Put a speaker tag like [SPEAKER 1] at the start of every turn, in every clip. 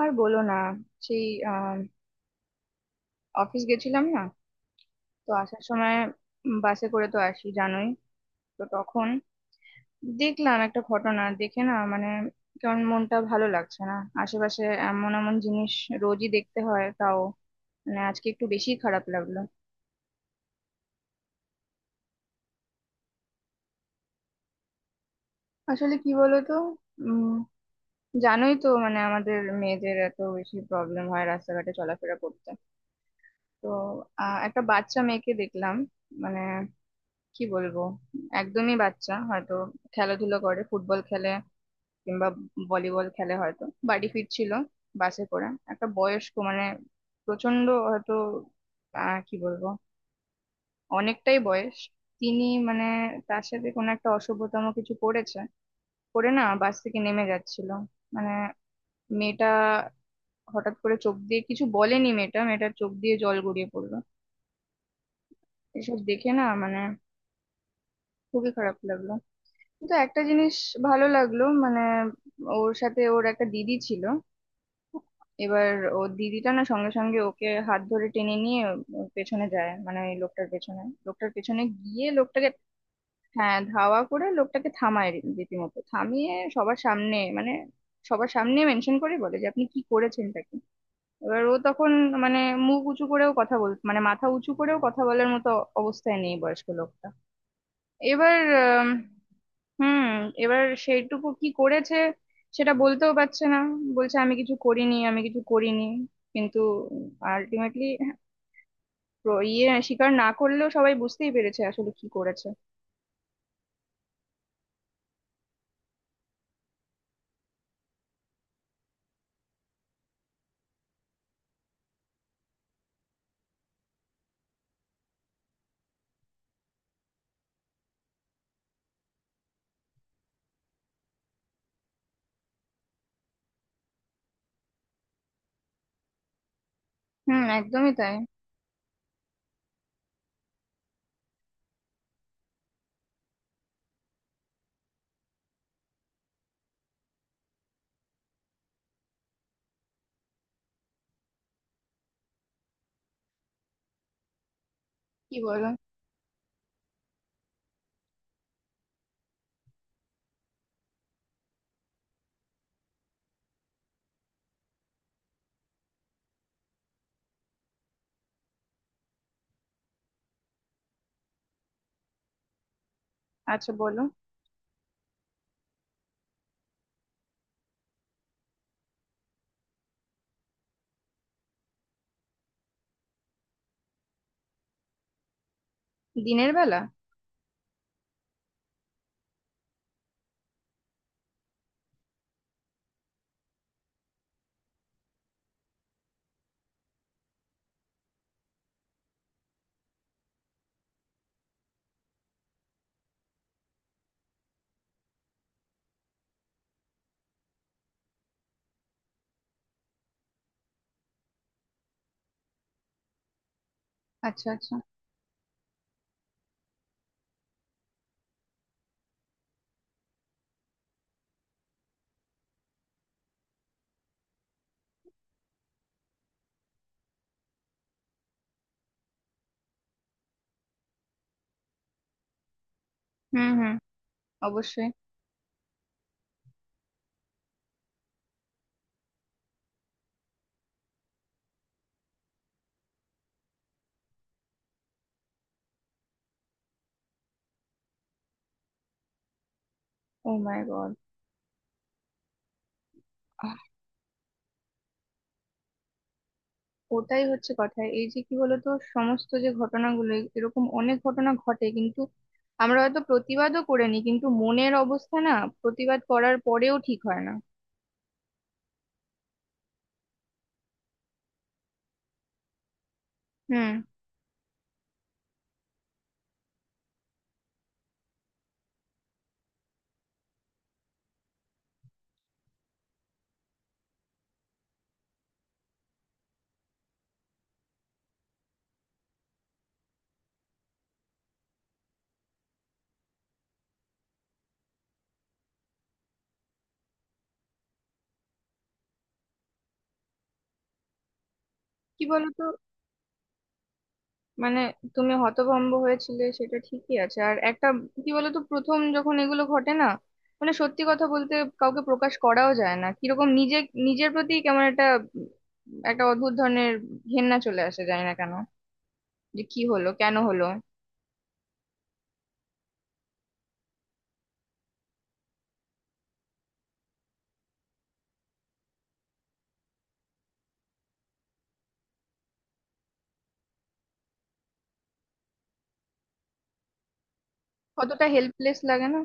[SPEAKER 1] আর বলো না, সেই অফিস গেছিলাম না, তো আসার সময় বাসে করে তো আসি জানোই। তো তখন দেখলাম একটা ঘটনা, দেখে না মানে কেমন মনটা ভালো লাগছে না। আশেপাশে এমন এমন জিনিস রোজই দেখতে হয়, তাও মানে আজকে একটু বেশি খারাপ লাগলো। আসলে কি বলো তো, উম জানোই তো, মানে আমাদের মেয়েদের এত বেশি প্রবলেম হয় রাস্তাঘাটে চলাফেরা করতে। তো একটা বাচ্চা মেয়েকে দেখলাম, মানে কি বলবো, একদমই বাচ্চা, হয়তো খেলাধুলো করে, ফুটবল খেলে কিংবা ভলিবল খেলে, হয়তো বাড়ি ফিরছিল বাসে করে। একটা বয়স্ক, মানে প্রচন্ড হয়তো কি বলবো, অনেকটাই বয়স, তিনি মানে তার সাথে কোনো একটা অসভ্যতম কিছু করেছে। করে না বাস থেকে নেমে যাচ্ছিল, মানে মেয়েটা হঠাৎ করে, চোখ দিয়ে কিছু বলেনি মেয়েটা, মেয়েটার চোখ দিয়ে জল গড়িয়ে পড়লো। এসব দেখে না মানে খুবই খারাপ লাগলো। কিন্তু একটা জিনিস ভালো লাগলো, মানে ওর সাথে ওর একটা দিদি ছিল। এবার ওর দিদিটা না সঙ্গে সঙ্গে ওকে হাত ধরে টেনে নিয়ে ওর পেছনে যায়, মানে ওই লোকটার পেছনে, লোকটার পেছনে গিয়ে লোকটাকে। হ্যাঁ ধাওয়া করে লোকটাকে থামায়, রীতিমতো থামিয়ে সবার সামনে, মানে সবার সামনে মেনশন করে বলে যে আপনি কি করেছেন তাকে। এবার ও তখন মানে মুখ উঁচু করেও কথা বল, মানে মাথা উঁচু করেও কথা বলার মতো অবস্থায় নেই বয়স্ক লোকটা। এবার আম, হুম, এবার সেইটুকু কি করেছে সেটা বলতেও পারছে না। বলছে আমি কিছু করিনি, আমি কিছু করিনি। কিন্তু আলটিমেটলি ইয়ে স্বীকার না করলেও সবাই বুঝতেই পেরেছে আসলে কি করেছে। হুম, একদমই তাই। কি বলো। আচ্ছা বলো। দিনের বেলা। আচ্ছা আচ্ছা। হুম হুম, অবশ্যই। Oh my god. ওটাই হচ্ছে কথা, এই যে কি বলতো সমস্ত যে ঘটনাগুলো, এরকম অনেক ঘটনা ঘটে, কিন্তু আমরা হয়তো প্রতিবাদও করে নি, কিন্তু মনের অবস্থা না, প্রতিবাদ করার পরেও ঠিক হয় না। হুম। কি বলতো, মানে তুমি হতভম্ব হয়েছিলে সেটা ঠিকই আছে, আর একটা কি বলতো প্রথম যখন এগুলো ঘটে না, মানে সত্যি কথা বলতে কাউকে প্রকাশ করাও যায় না। কিরকম নিজে, নিজের প্রতি কেমন একটা উম, একটা অদ্ভুত ধরনের ঘেন্না চলে আসে, যায় না কেন, যে কি হলো কেন হলো। কতটা হেল্পলেস লাগে না।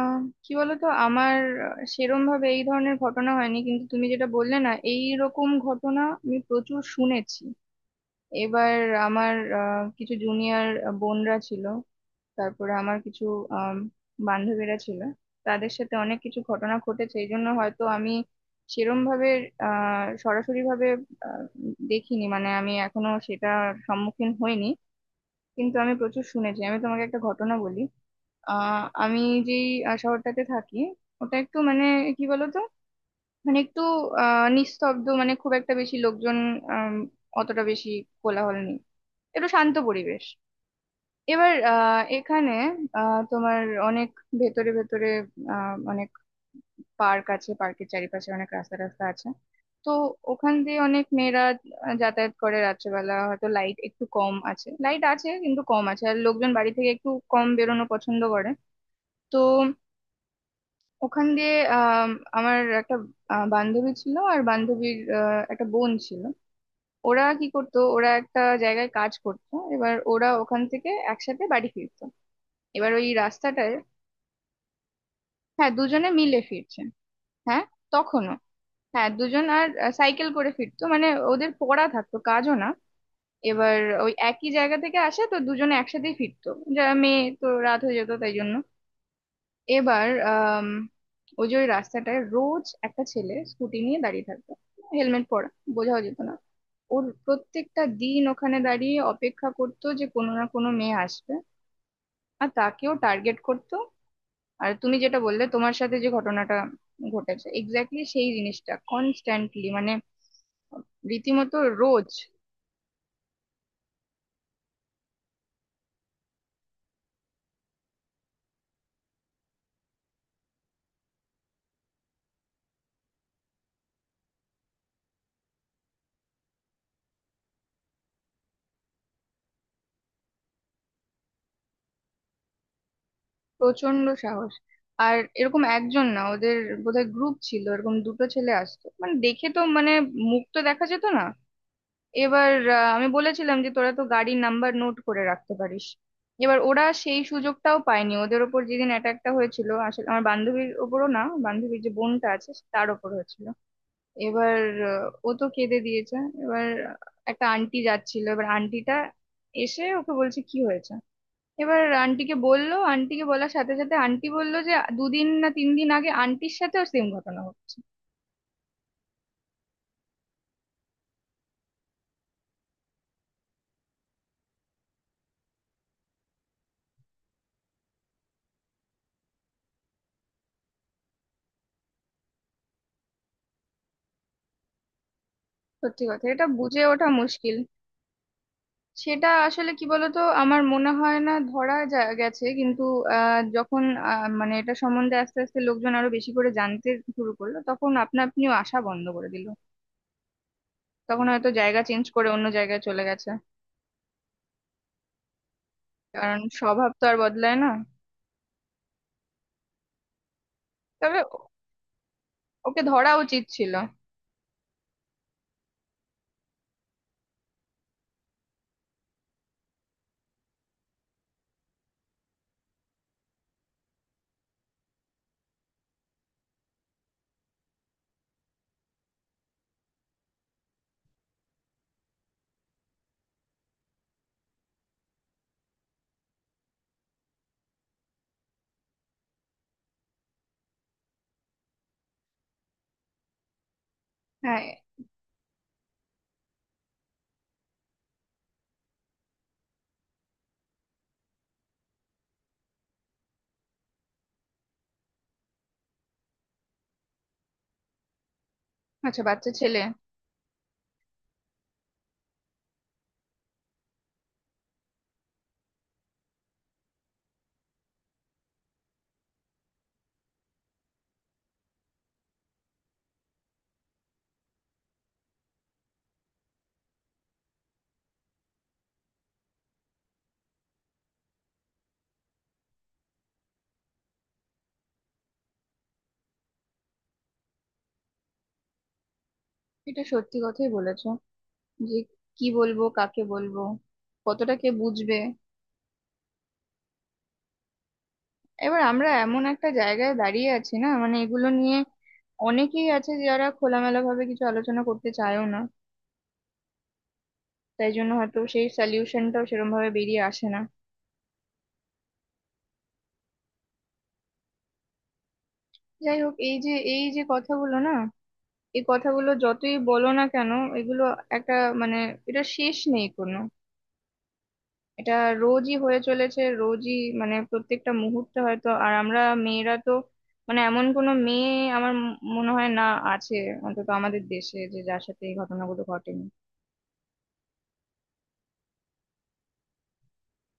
[SPEAKER 1] আহ কি বলতো আমার সেরম ভাবে এই ধরনের ঘটনা হয়নি, কিন্তু তুমি যেটা বললে না, এই রকম ঘটনা আমি প্রচুর শুনেছি। এবার আমার কিছু জুনিয়র বোনরা ছিল, তারপরে আমার কিছু আম, বান্ধবীরা ছিল, তাদের সাথে অনেক কিছু ঘটনা ঘটেছে। এই জন্য হয়তো আমি সেরম ভাবে, সরাসরি ভাবে আহ, দেখিনি, মানে আমি এখনো সেটা সম্মুখীন হইনি। কিন্তু আমি প্রচুর শুনেছি। আমি তোমাকে একটা ঘটনা বলি। আহ আমি যেই শহরটাতে থাকি ওটা একটু মানে কি বলতো, মানে একটু নিস্তব্ধ, মানে খুব একটা বেশি লোকজন আম, অতটা বেশি কোলাহল নেই, একটু শান্ত পরিবেশ। এবার এখানে তোমার অনেক ভেতরে ভেতরে অনেক পার্ক আছে, পার্কের চারিপাশে অনেক রাস্তা রাস্তা আছে। তো ওখান দিয়ে অনেক মেয়েরা যাতায়াত করে। রাত্রেবেলা হয়তো লাইট একটু কম আছে, লাইট আছে কিন্তু কম আছে, আর লোকজন বাড়ি থেকে একটু কম বেরোনো পছন্দ করে। তো ওখান দিয়ে আমার একটা বান্ধবী ছিল, আর বান্ধবীর একটা বোন ছিল। ওরা কি করতো, ওরা একটা জায়গায় কাজ করতো, এবার ওরা ওখান থেকে একসাথে বাড়ি ফিরতো। এবার ওই রাস্তাটায়, হ্যাঁ দুজনে মিলে ফিরছে। হ্যাঁ, তখনও। হ্যাঁ দুজন, আর সাইকেল করে ফিরতো মানে ওদের পড়া থাকতো, কাজও না। এবার ওই একই জায়গা থেকে আসে, তো দুজনে একসাথেই ফিরতো, যা মেয়ে তো, রাত হয়ে যেত তাই জন্য। এবার ওই যে ওই রাস্তাটায় রোজ একটা ছেলে স্কুটি নিয়ে দাঁড়িয়ে থাকতো, হেলমেট পরা, বোঝাও যেত না। ওর প্রত্যেকটা দিন ওখানে দাঁড়িয়ে অপেক্ষা করতো যে কোনো না কোনো মেয়ে আসবে, আর তাকেও টার্গেট করতো। আর তুমি যেটা বললে তোমার সাথে যে ঘটনাটা ঘটেছে, এক্স্যাক্টলি সেই জিনিসটা কনস্ট্যান্টলি, মানে রীতিমতো রোজ। প্রচন্ড সাহস। আর এরকম একজন না, ওদের বোধহয় গ্রুপ ছিল, এরকম দুটো ছেলে আসতো, মানে দেখে তো মানে মুখ তো দেখা যেত না। এবার আমি বলেছিলাম যে তোরা তো গাড়ির নাম্বার নোট করে রাখতে পারিস। এবার ওরা সেই সুযোগটাও পায়নি। ওদের ওপর যেদিন অ্যাটাকটা হয়েছিল, আসলে আমার বান্ধবীর ওপরও না, বান্ধবীর যে বোনটা আছে তার ওপর হয়েছিল। এবার ও তো কেঁদে দিয়েছে। এবার একটা আন্টি যাচ্ছিল, এবার আন্টিটা এসে ওকে বলছে কি হয়েছে। এবার আন্টিকে বললো, আন্টিকে বলার সাথে সাথে আন্টি বললো যে দুদিন না তিন দিন আগে আন্টির সাথেও সেম ঘটনা হচ্ছে। সত্যি কথা, এটা বুঝে ওঠা মুশকিল। সেটা আসলে কি বলতো, আমার মনে হয় না ধরা গেছে, কিন্তু যখন মানে এটা সম্বন্ধে আস্তে আস্তে লোকজন আরো বেশি করে জানতে শুরু করলো, তখন আপনা আপনিও আসা বন্ধ করে দিল। তখন হয়তো জায়গা চেঞ্জ করে অন্য জায়গায় চলে গেছে, কারণ স্বভাব তো আর বদলায় না। তবে ওকে ধরা উচিত ছিল। হ্যাঁ। আচ্ছা, বাচ্চা ছেলে। এটা সত্যি কথাই বলেছো, যে কি বলবো কাকে বলবো, কতটা কে বুঝবে। এবার আমরা এমন একটা জায়গায় দাঁড়িয়ে আছি না, মানে এগুলো নিয়ে অনেকেই আছে যারা খোলামেলা ভাবে কিছু আলোচনা করতে চায়ও না। তাই জন্য হয়তো সেই সলিউশনটাও সেরকম ভাবে বেরিয়ে আসে না। যাই হোক, এই যে এই যে কথাগুলো না, এই কথাগুলো যতই বলো না কেন এগুলো একটা মানে, এটা শেষ নেই কোনো, এটা রোজই হয়ে চলেছে, রোজই। মানে প্রত্যেকটা মুহূর্তে হয়তো। আর আমরা মেয়েরা তো, মানে এমন কোনো মেয়ে আমার মনে হয় না আছে, অন্তত আমাদের দেশে, যে যার সাথে এই ঘটনাগুলো ঘটেনি।